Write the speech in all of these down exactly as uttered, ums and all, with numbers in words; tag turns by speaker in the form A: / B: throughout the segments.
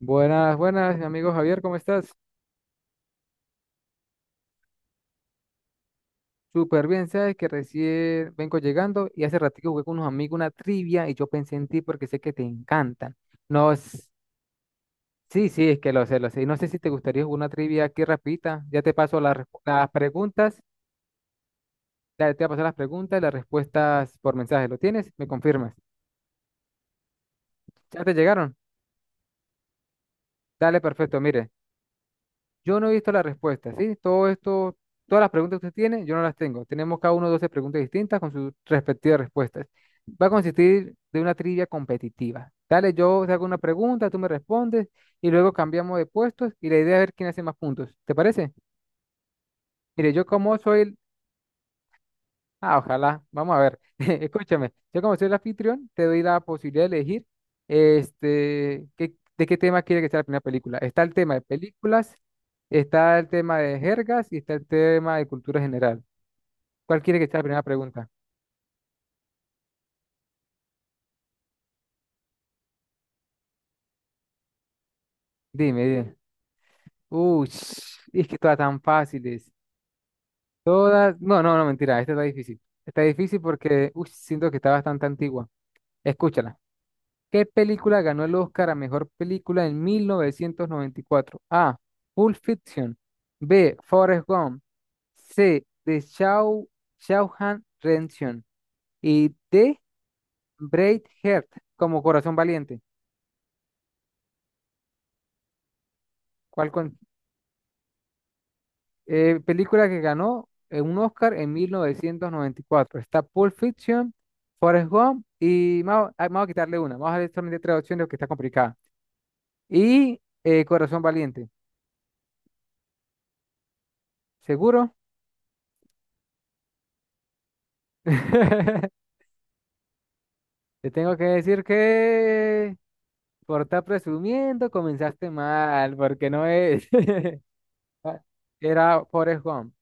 A: Buenas, buenas, mi amigo Javier, ¿cómo estás? Súper bien, sabes que recién vengo llegando y hace ratito jugué con unos amigos una trivia y yo pensé en ti porque sé que te encantan. No, s- sí, sí, es que lo sé, lo sé. Y no sé si te gustaría jugar una trivia aquí rapidita. Ya te paso las, resp- las preguntas, ya te voy a pasar las preguntas y las respuestas por mensaje. ¿Lo tienes? ¿Me confirmas? ¿Ya te llegaron? Dale, perfecto, mire. Yo no he visto la respuesta, ¿sí? Todo esto, todas las preguntas que usted tiene, yo no las tengo. Tenemos cada uno doce preguntas distintas con sus respectivas respuestas. Va a consistir de una trivia competitiva. Dale, yo te hago una pregunta, tú me respondes y luego cambiamos de puestos y la idea es ver quién hace más puntos. ¿Te parece? Mire, yo como soy. Ah, ojalá. Vamos a ver. Escúchame, yo como soy el anfitrión, te doy la posibilidad de elegir este, qué- de qué tema quiere que sea la primera película. Está el tema de películas, está el tema de jergas y está el tema de cultura general. ¿Cuál quiere que sea la primera pregunta? Dime, dime. Uy, es que todas tan fáciles. Todas. No, no, no, mentira. Esta está difícil. Está difícil porque uy, siento que está bastante antigua. Escúchala. ¿Qué película ganó el Oscar a mejor película en mil novecientos noventa y cuatro? A. Pulp Fiction. B. Forrest Gump. C. The Shaw, Shawshank Redemption. Y D. Braveheart, como Corazón Valiente. ¿Cuál con- eh, película que ganó eh, un Oscar en mil novecientos noventa y cuatro? Está Pulp Fiction, Forrest Gump y vamos, ah, vamos a quitarle una. Vamos a ver solamente tres opciones que está complicada. Y eh, Corazón Valiente. ¿Seguro? Te tengo que decir que por estar presumiendo comenzaste mal, porque no es. Ah, era Forrest Gump.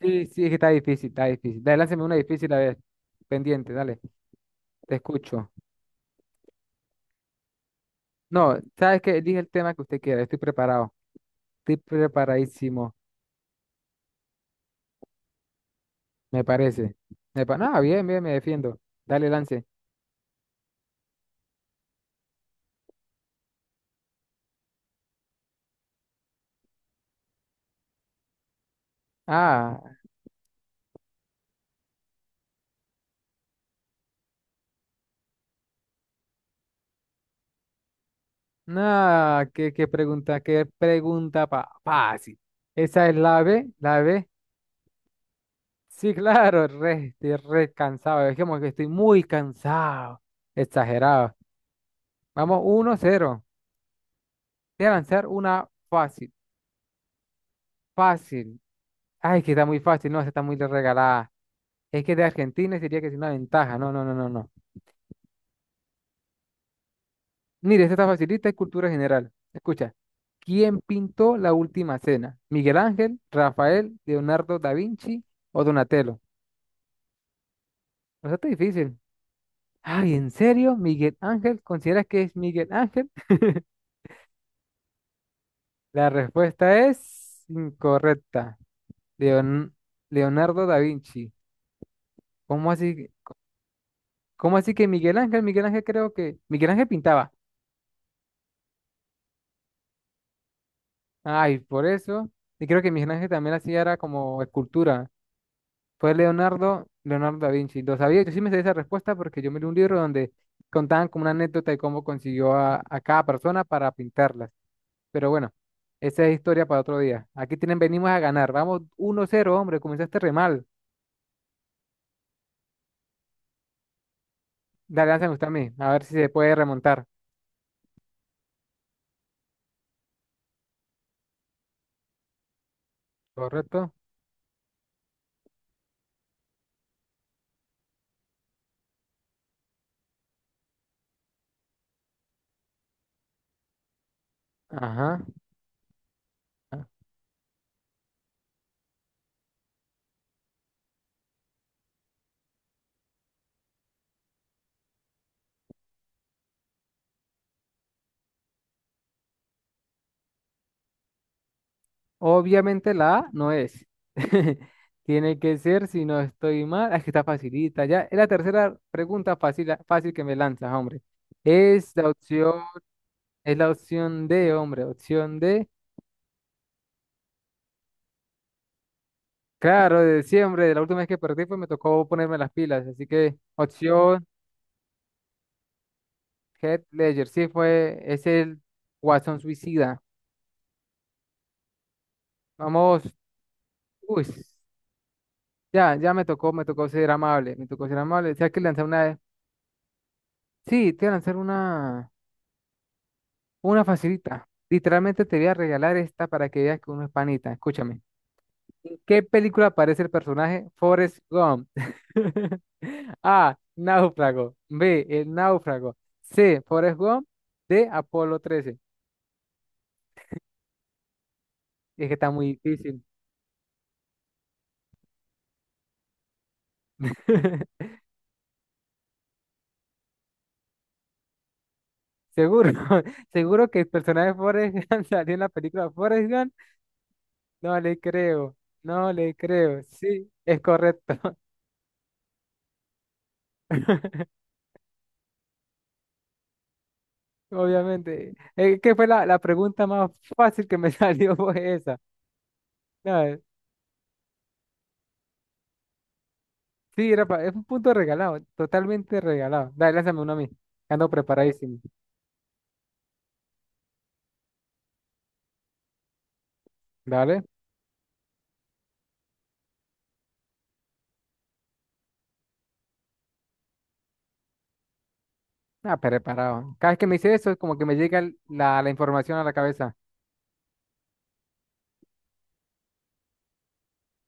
A: Sí, sí, es que está difícil, está difícil. Dale, lánzame una difícil a ver. Pendiente, dale, te escucho. No, sabes que elige el tema que usted quiera, estoy preparado. Estoy preparadísimo, me parece. Me pa- no, bien, bien, me defiendo. Dale, lance. Ah, no, qué, qué pregunta, qué pregunta pa- fácil. Esa es la B, la B. Sí, claro, re, estoy re cansado. Es como que estoy muy cansado. Exagerado. Vamos, uno cero. Voy a lanzar una fácil. Fácil. Ay, que está muy fácil. No, esta está muy regalada. Es que de Argentina sería que es una ventaja. No, no, no, no, no. Mire, esta está facilita, es cultura general. Escucha. ¿Quién pintó la última cena? ¿Miguel Ángel, Rafael, Leonardo da Vinci o Donatello? Eso está difícil. Ay, ¿en serio? ¿Miguel Ángel? ¿Consideras que es Miguel Ángel? La respuesta es incorrecta. Leon- Leonardo da Vinci. ¿Cómo así, cómo así que Miguel Ángel? Miguel Ángel creo que, Miguel Ángel pintaba. Ay, por eso. Y creo que Miguel Ángel también hacía era como escultura. Fue Leonardo, Leonardo da Vinci. Lo sabía, yo sí me sé esa respuesta porque yo me leí un libro donde contaban como una anécdota de cómo consiguió a, a cada persona para pintarlas. Pero bueno, esa es historia para otro día. Aquí tienen, venimos a ganar. Vamos uno cero, hombre, comenzaste re mal. Dale, lánzame usted a mí, a ver si se puede remontar. ¿Correcto? Ajá. Obviamente la A no es. Tiene que ser, si no estoy mal, ah, es que está facilita ya. Es la tercera pregunta fácil, fácil que me lanzas, hombre. Es la opción, es la opción D, hombre, opción D. Claro, de diciembre, la última vez que perdí, pues me tocó ponerme las pilas. Así que opción Head Ledger, sí fue, es el Guasón Suicida. Vamos, uy. Ya, ya me tocó, me tocó ser amable, me tocó ser amable. O sea que lanzar una. Sí, te voy a lanzar una, una facilita. Literalmente te voy a regalar esta para que veas que uno es panita. Escúchame. ¿En qué película aparece el personaje Forrest Gump? A. Náufrago. B. El náufrago. C. Forrest Gump. D. Apolo trece. Es que está muy difícil. Seguro, seguro que el personaje de Forrest Gump salió en la película Forrest Gump. No le creo, no le creo. Sí, es correcto, obviamente. Es que fue la, la pregunta más fácil que me salió fue esa. No, eh, sí, era pa- es un punto regalado, totalmente regalado. Dale, lánzame uno a mí. Ando preparadísimo. Dale. Ah, preparado. Cada vez que me dice eso, es como que me llega el- la, la información a la cabeza.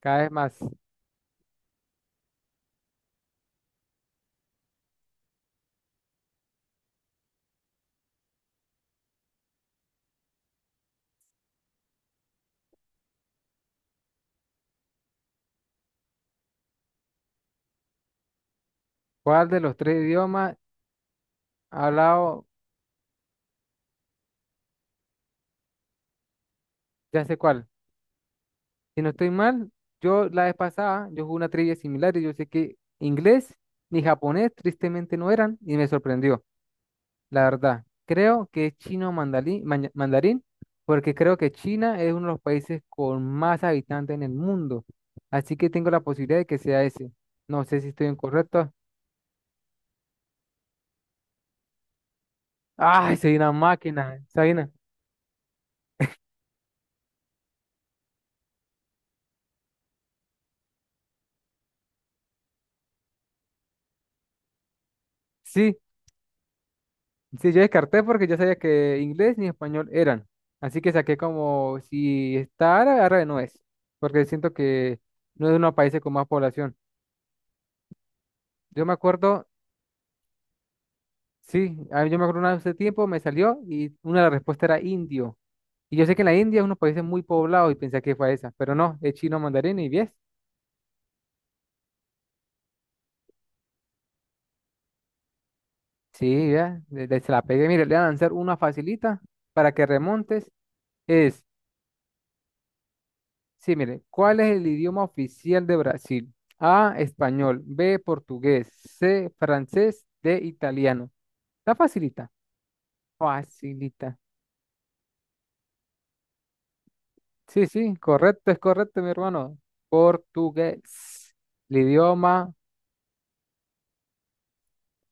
A: Cada vez más. ¿Cuál de los tres idiomas ha hablado? Ya sé cuál. Si no estoy mal, yo la vez pasada, yo jugué una trivia similar y yo sé que inglés ni japonés tristemente no eran y me sorprendió, la verdad. Creo que es chino mandalí- maña- mandarín, porque creo que China es uno de los países con más habitantes en el mundo. Así que tengo la posibilidad de que sea ese. No sé si estoy incorrecto. ¡Ay, soy una máquina! Sabina. Sí. Sí, yo descarté porque yo sabía que inglés ni español eran. Así que saqué como si está árabe, árabe no es. Porque siento que no es de unos países con más población. Yo me acuerdo, sí, a mí yo me acuerdo una vez hace tiempo, me salió y una de las respuestas era indio. Y yo sé que en la India es unos países muy poblados y pensé que fue esa. Pero no, es chino mandarín y bien. Sí, ya, le- le- se la pegué. Mire, le voy a lanzar una facilita para que remontes. Es Sí, mire, ¿cuál es el idioma oficial de Brasil? A, español, B, portugués, C, francés, D, italiano. Está facilita. Facilita. Sí, sí, correcto, es correcto, mi hermano. Portugués. El idioma,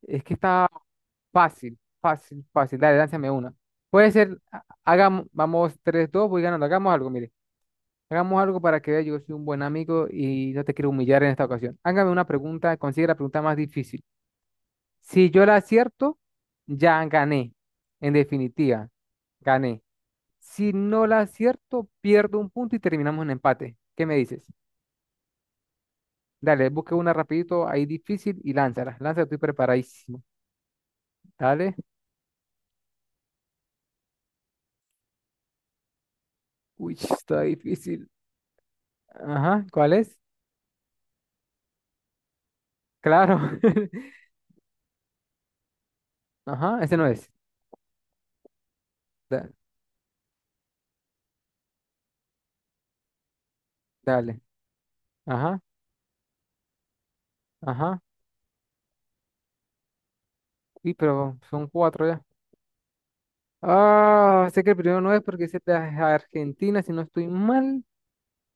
A: es que está fácil, fácil, fácil. Dale, lánzame una. Puede ser, ha- hagamos, vamos tres, dos, voy ganando. Hagamos algo, mire. Hagamos algo para que vea, yo soy un buen amigo y no te quiero humillar en esta ocasión. Hágame una pregunta, consigue la pregunta más difícil. Si yo la acierto, ya gané. En definitiva, gané. Si no la acierto, pierdo un punto y terminamos en empate. ¿Qué me dices? Dale, busca una rapidito ahí difícil y lánzala. Lánzala, estoy preparadísimo. Dale. Uy, está difícil. Ajá, ¿cuál es? Claro. Ajá, ese no es. Da- dale. Ajá, ajá. Uy, pero son cuatro ya. Ah, sé que el primero no es porque es de Argentina, si no estoy mal.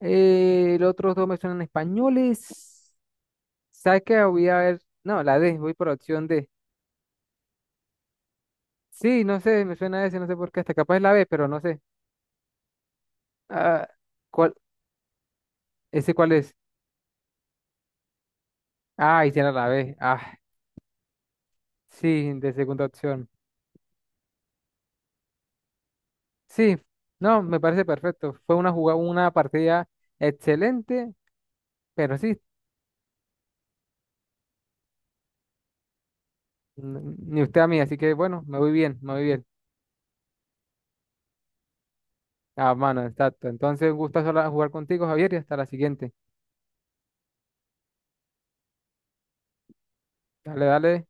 A: Eh, los otros dos me suenan españoles. ¿Sabes qué? Voy a ver. No, la D, voy por la opción D. Sí, no sé, me suena a ese, no sé por qué. Hasta capaz es la B, pero no sé. Ah, ¿cuál? ¿Ese cuál es? Ah, hicieron la B. Ah, sí, de segunda opción. Sí, no, me parece perfecto. Fue una jugada, una partida excelente, pero sí, n- ni usted a mí, así que bueno, me voy bien, me voy bien. Ah, mano, exacto. Entonces, un gusto jugar contigo, Javier, y hasta la siguiente. Dale, dale.